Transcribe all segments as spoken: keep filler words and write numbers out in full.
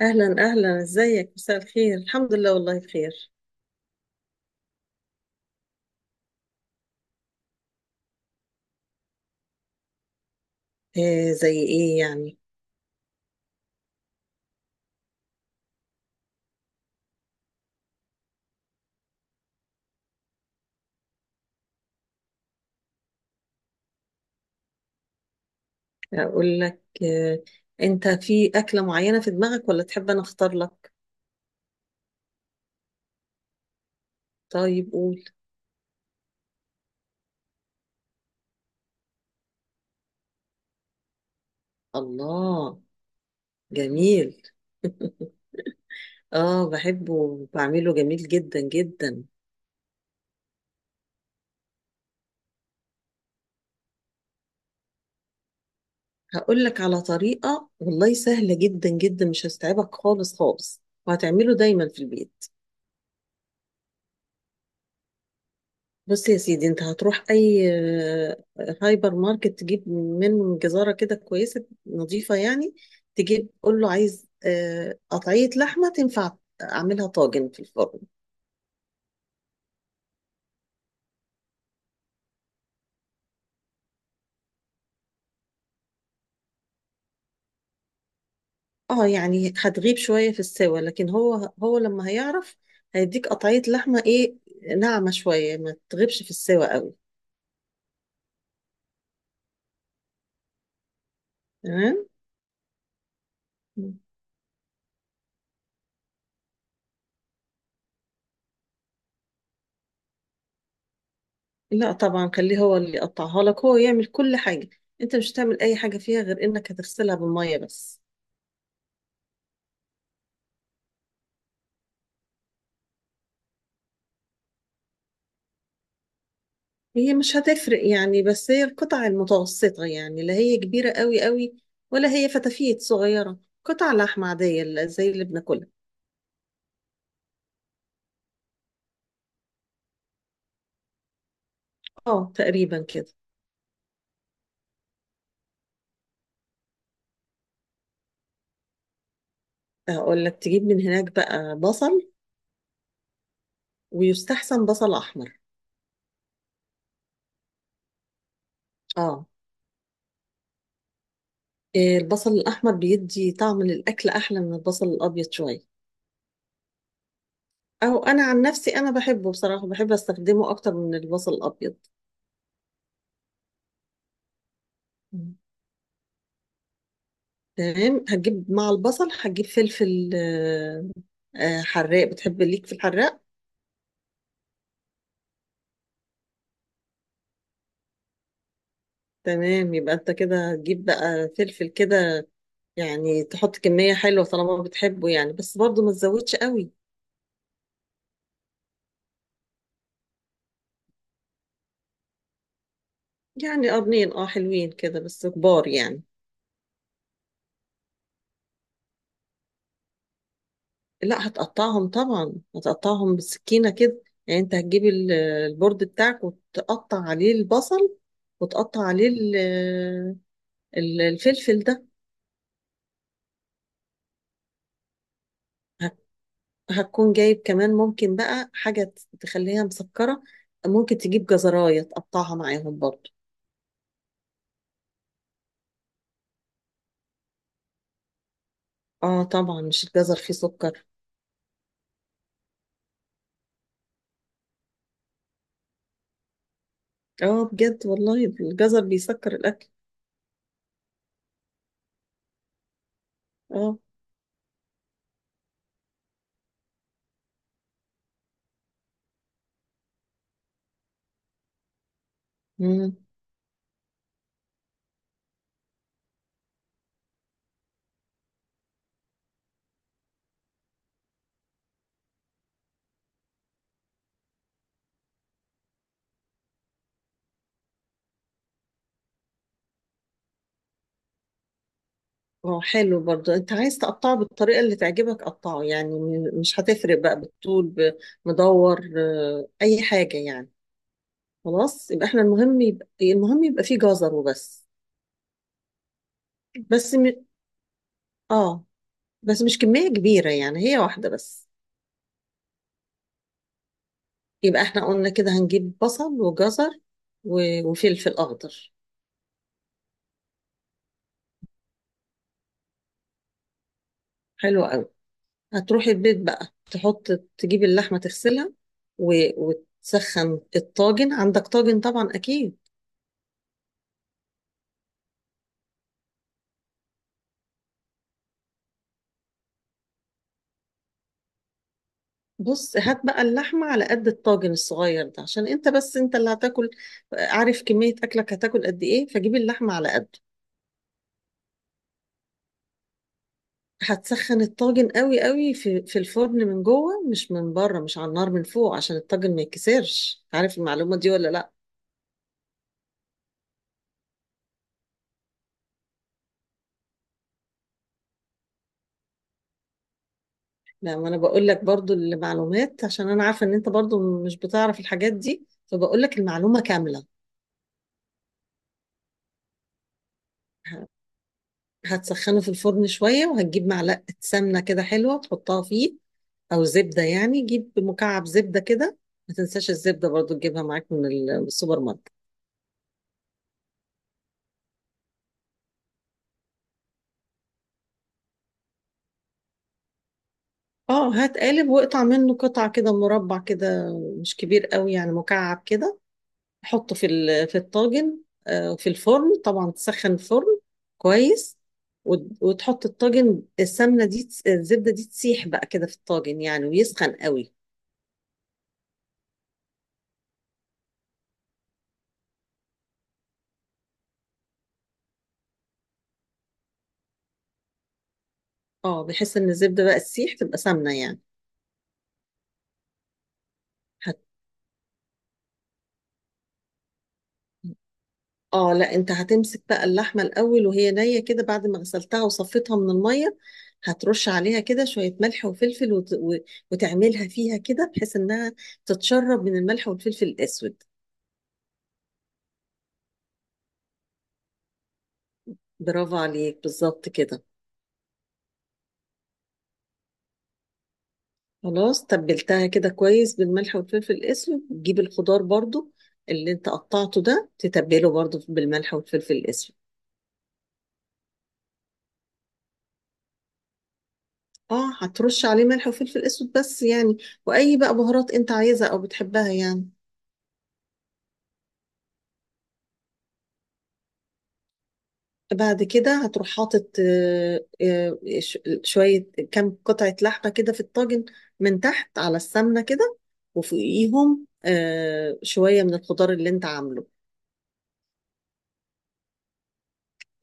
أهلا أهلا، إزيك؟ مساء الخير، الحمد لله والله بخير. إيه زي إيه يعني؟ أقول لك إيه؟ أنت في أكلة معينة في دماغك ولا تحب أنا أختار لك؟ طيب قول. الله. جميل. آه، بحبه وبعمله جميل جدا جدا. هقول لك على طريقة والله سهلة جدا جدا، مش هستعبك خالص خالص، وهتعمله دايما في البيت. بص يا سيدي، انت هتروح اي؟ آه، هايبر ماركت تجيب منه جزارة كده كويسة نظيفة يعني. تجيب قول له عايز آه، قطعية لحمة تنفع اعملها طاجن في الفرن. اه يعني هتغيب شوية في السوا، لكن هو هو لما هيعرف هيديك قطعية لحمة ايه، ناعمة شوية، ما تغيبش في السوا قوي. تمام. لا طبعا، خليه هو اللي يقطعها لك، هو يعمل كل حاجة. انت مش هتعمل اي حاجة فيها غير انك هتغسلها بالمية بس. هي مش هتفرق يعني، بس هي القطع المتوسطة، يعني لا هي كبيرة قوي قوي ولا هي فتافيت صغيرة، قطع لحمة عادية اللي- زي اللي بناكلها. اه تقريبا كده. اقول لك تجيب من هناك بقى بصل. ويستحسن بصل احمر. اه. إيه، البصل الاحمر بيدي طعم للاكل احلى من البصل الابيض شوية. او انا عن نفسي انا بحبه بصراحة، بحب استخدمه اكتر من البصل الابيض. مم. تمام، هتجيب مع البصل هتجيب فلفل آه، آه، حراق. بتحب ليك في الحراق؟ تمام، يبقى انت كده هتجيب بقى فلفل كده. يعني تحط كمية حلوة طالما بتحبه، يعني بس برضه ما تزودش قوي. يعني قرنين اه، حلوين كده بس كبار يعني. لا، هتقطعهم طبعا، هتقطعهم بالسكينة كده، يعني انت هتجيب ال- البورد بتاعك وتقطع عليه البصل. وتقطع عليه ال- ال- الفلفل ده. هت- هتكون جايب كمان ممكن بقى حاجة تخليها مسكرة. ممكن تجيب جزراية تقطعها معاهم برضه. اه طبعا، مش الجزر فيه سكر. اه بجد، والله الجزر بيسكر الاكل. اه. امم. اه حلو برضه، انت عايز تقطعه بالطريقه اللي تعجبك قطعه، يعني م- مش هتفرق بقى بالطول. بمدور آه، اي حاجه يعني. خلاص، يبقى احنا المهم يبقى المهم يبقى فيه جزر وبس. بس م... اه، بس مش كميه كبيره يعني، هي واحده بس. يبقى احنا قلنا كده هنجيب بصل وجزر و... وفلفل اخضر. حلو. هتروحي البيت بقى تحط تجيب اللحمة تغسلها و... وتسخن الطاجن. عندك طاجن طبعا أكيد؟ بص، هات بقى اللحمة على قد الطاجن الصغير ده، عشان انت بس انت اللي هتاكل. عارف كمية أكلك هتاكل قد ايه، فجيب اللحمة على قده. هتسخن الطاجن قوي قوي في, في الفرن، من جوه مش من بره، مش على النار من فوق، عشان الطاجن ما يتكسرش. عارف المعلومة دي ولا لا؟ لا، ما انا بقول لك برضو المعلومات عشان انا عارفة ان انت برضو مش بتعرف الحاجات دي، فبقول لك المعلومة كاملة. هتسخنه في الفرن شوية، وهتجيب معلقة سمنة كده حلوة تحطها فيه. أو زبدة يعني، جيب مكعب زبدة كده. ما تنساش الزبدة برضو تجيبها معاك من ال- من السوبر ماركت. اه، هات قالب واقطع منه قطع كده مربع كده. مش كبير قوي يعني، مكعب كده. حطه في ال- في الطاجن آه، في الفرن طبعا، تسخن الفرن كويس. وت- وتحط الطاجن، السمنة دي تس- الزبدة دي تسيح بقى كده في الطاجن يعني، ويسخن قوي. اه، بحيث ان الزبدة بقى تسيح تبقى سمنة يعني. هت- اه، لا، انت هتمسك بقى اللحمه الاول وهي نيه كده، بعد ما غسلتها وصفيتها من الميه. هترش عليها كده شويه ملح وفلفل وت... و- وتعملها فيها كده، بحيث انها تتشرب من الملح والفلفل الاسود. برافو عليك، بالظبط كده. خلاص تبلتها كده كويس بالملح والفلفل الاسود، تجيب الخضار برضو اللي انت قطعته ده، تتبله برضو بالملح والفلفل الاسود. اه، هترش عليه ملح وفلفل اسود بس يعني، واي بقى بهارات انت عايزها او بتحبها يعني. بعد كده هتروح حاطط آه، آه، ش- شوية، كام قطعة لحمة كده في الطاجن، من تحت على السمنة كده. وفوقيهم آه، شوية من الخضار اللي انت عامله.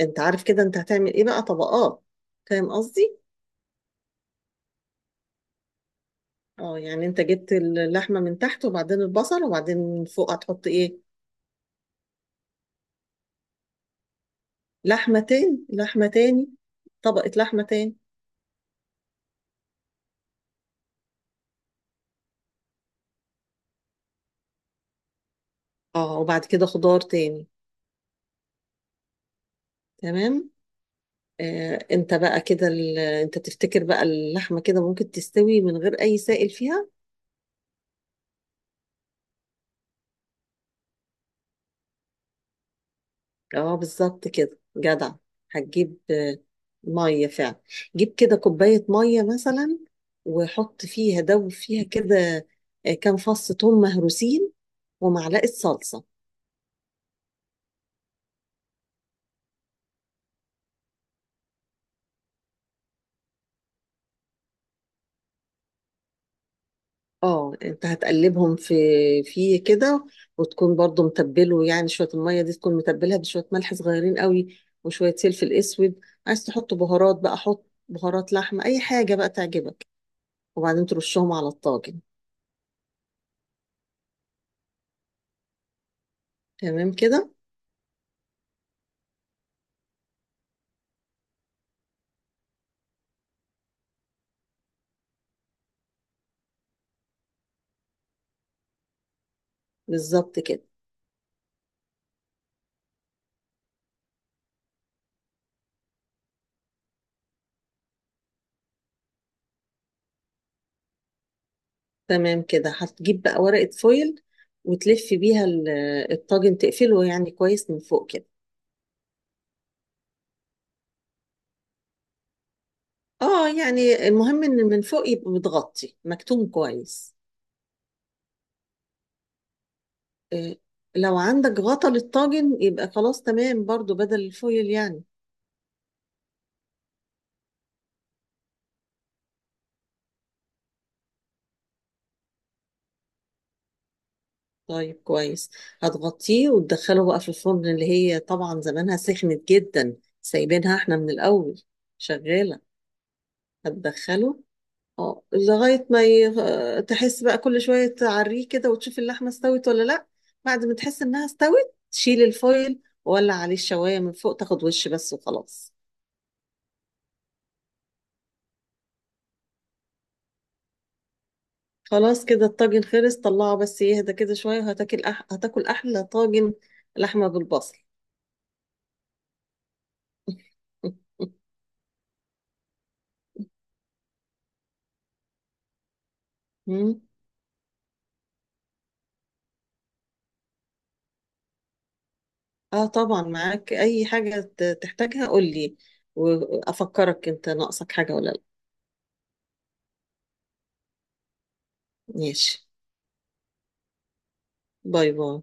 انت عارف كده انت هتعمل ايه بقى؟ طبقات. فاهم قصدي؟ اه يعني، انت جبت اللحمة من تحت، وبعدين البصل، وبعدين من فوق هتحط ايه؟ لحمة تاني لحمة تاني، طبقة لحمة تاني. اه وبعد كده خضار تاني. تمام؟ آه، انت بقى كده ال- انت تفتكر بقى اللحمة كده ممكن تستوي من غير اي سائل فيها؟ اه بالظبط كده، جدع. هتجيب آه، مية فعلا. جيب كده كوباية مية مثلا، وحط فيها، دوب فيها كده آه، كام فص ثوم مهروسين ومعلقة صلصة. اه، انت هتقلبهم في في كده، وتكون برضو متبله يعني، شويه الميه دي تكون متبلها بشويه ملح صغيرين قوي، وشويه فلفل اسود. عايز تحط بهارات بقى حط بهارات لحمه، اي حاجه بقى تعجبك، وبعدين ترشهم على الطاجن. تمام كده. بالظبط كده. تمام كده، هتجيب بقى ورقه فويل وتلف بيها ال- الطاجن، تقفله يعني كويس من فوق كده. اه يعني، المهم ان من فوق يبقى متغطي مكتوم كويس. إيه، لو عندك غطا للطاجن يبقى خلاص تمام برضو، بدل الفويل يعني. طيب كويس. هتغطيه وتدخله بقى في الفرن، اللي هي طبعا زمانها سخنت جدا، سايبينها احنا من الأول شغالة. هتدخله اه لغاية ما ي... آه، تحس بقى، كل شوية تعريه كده وتشوف اللحمة استوت ولا لأ. بعد ما تحس إنها استوت تشيل الفويل، وولع عليه الشواية من فوق تاخد وش بس وخلاص. خلاص كده الطاجن خلص، طلعه بس يهدى كده شوية، وهتاكل أح... هتاكل أحلى طاجن لحمة بالبصل. مم. اه طبعا معاك، أي حاجة ت- تحتاجها قولي، وأفكرك أنت ناقصك حاجة ولا لأ. ماشي، باي باي.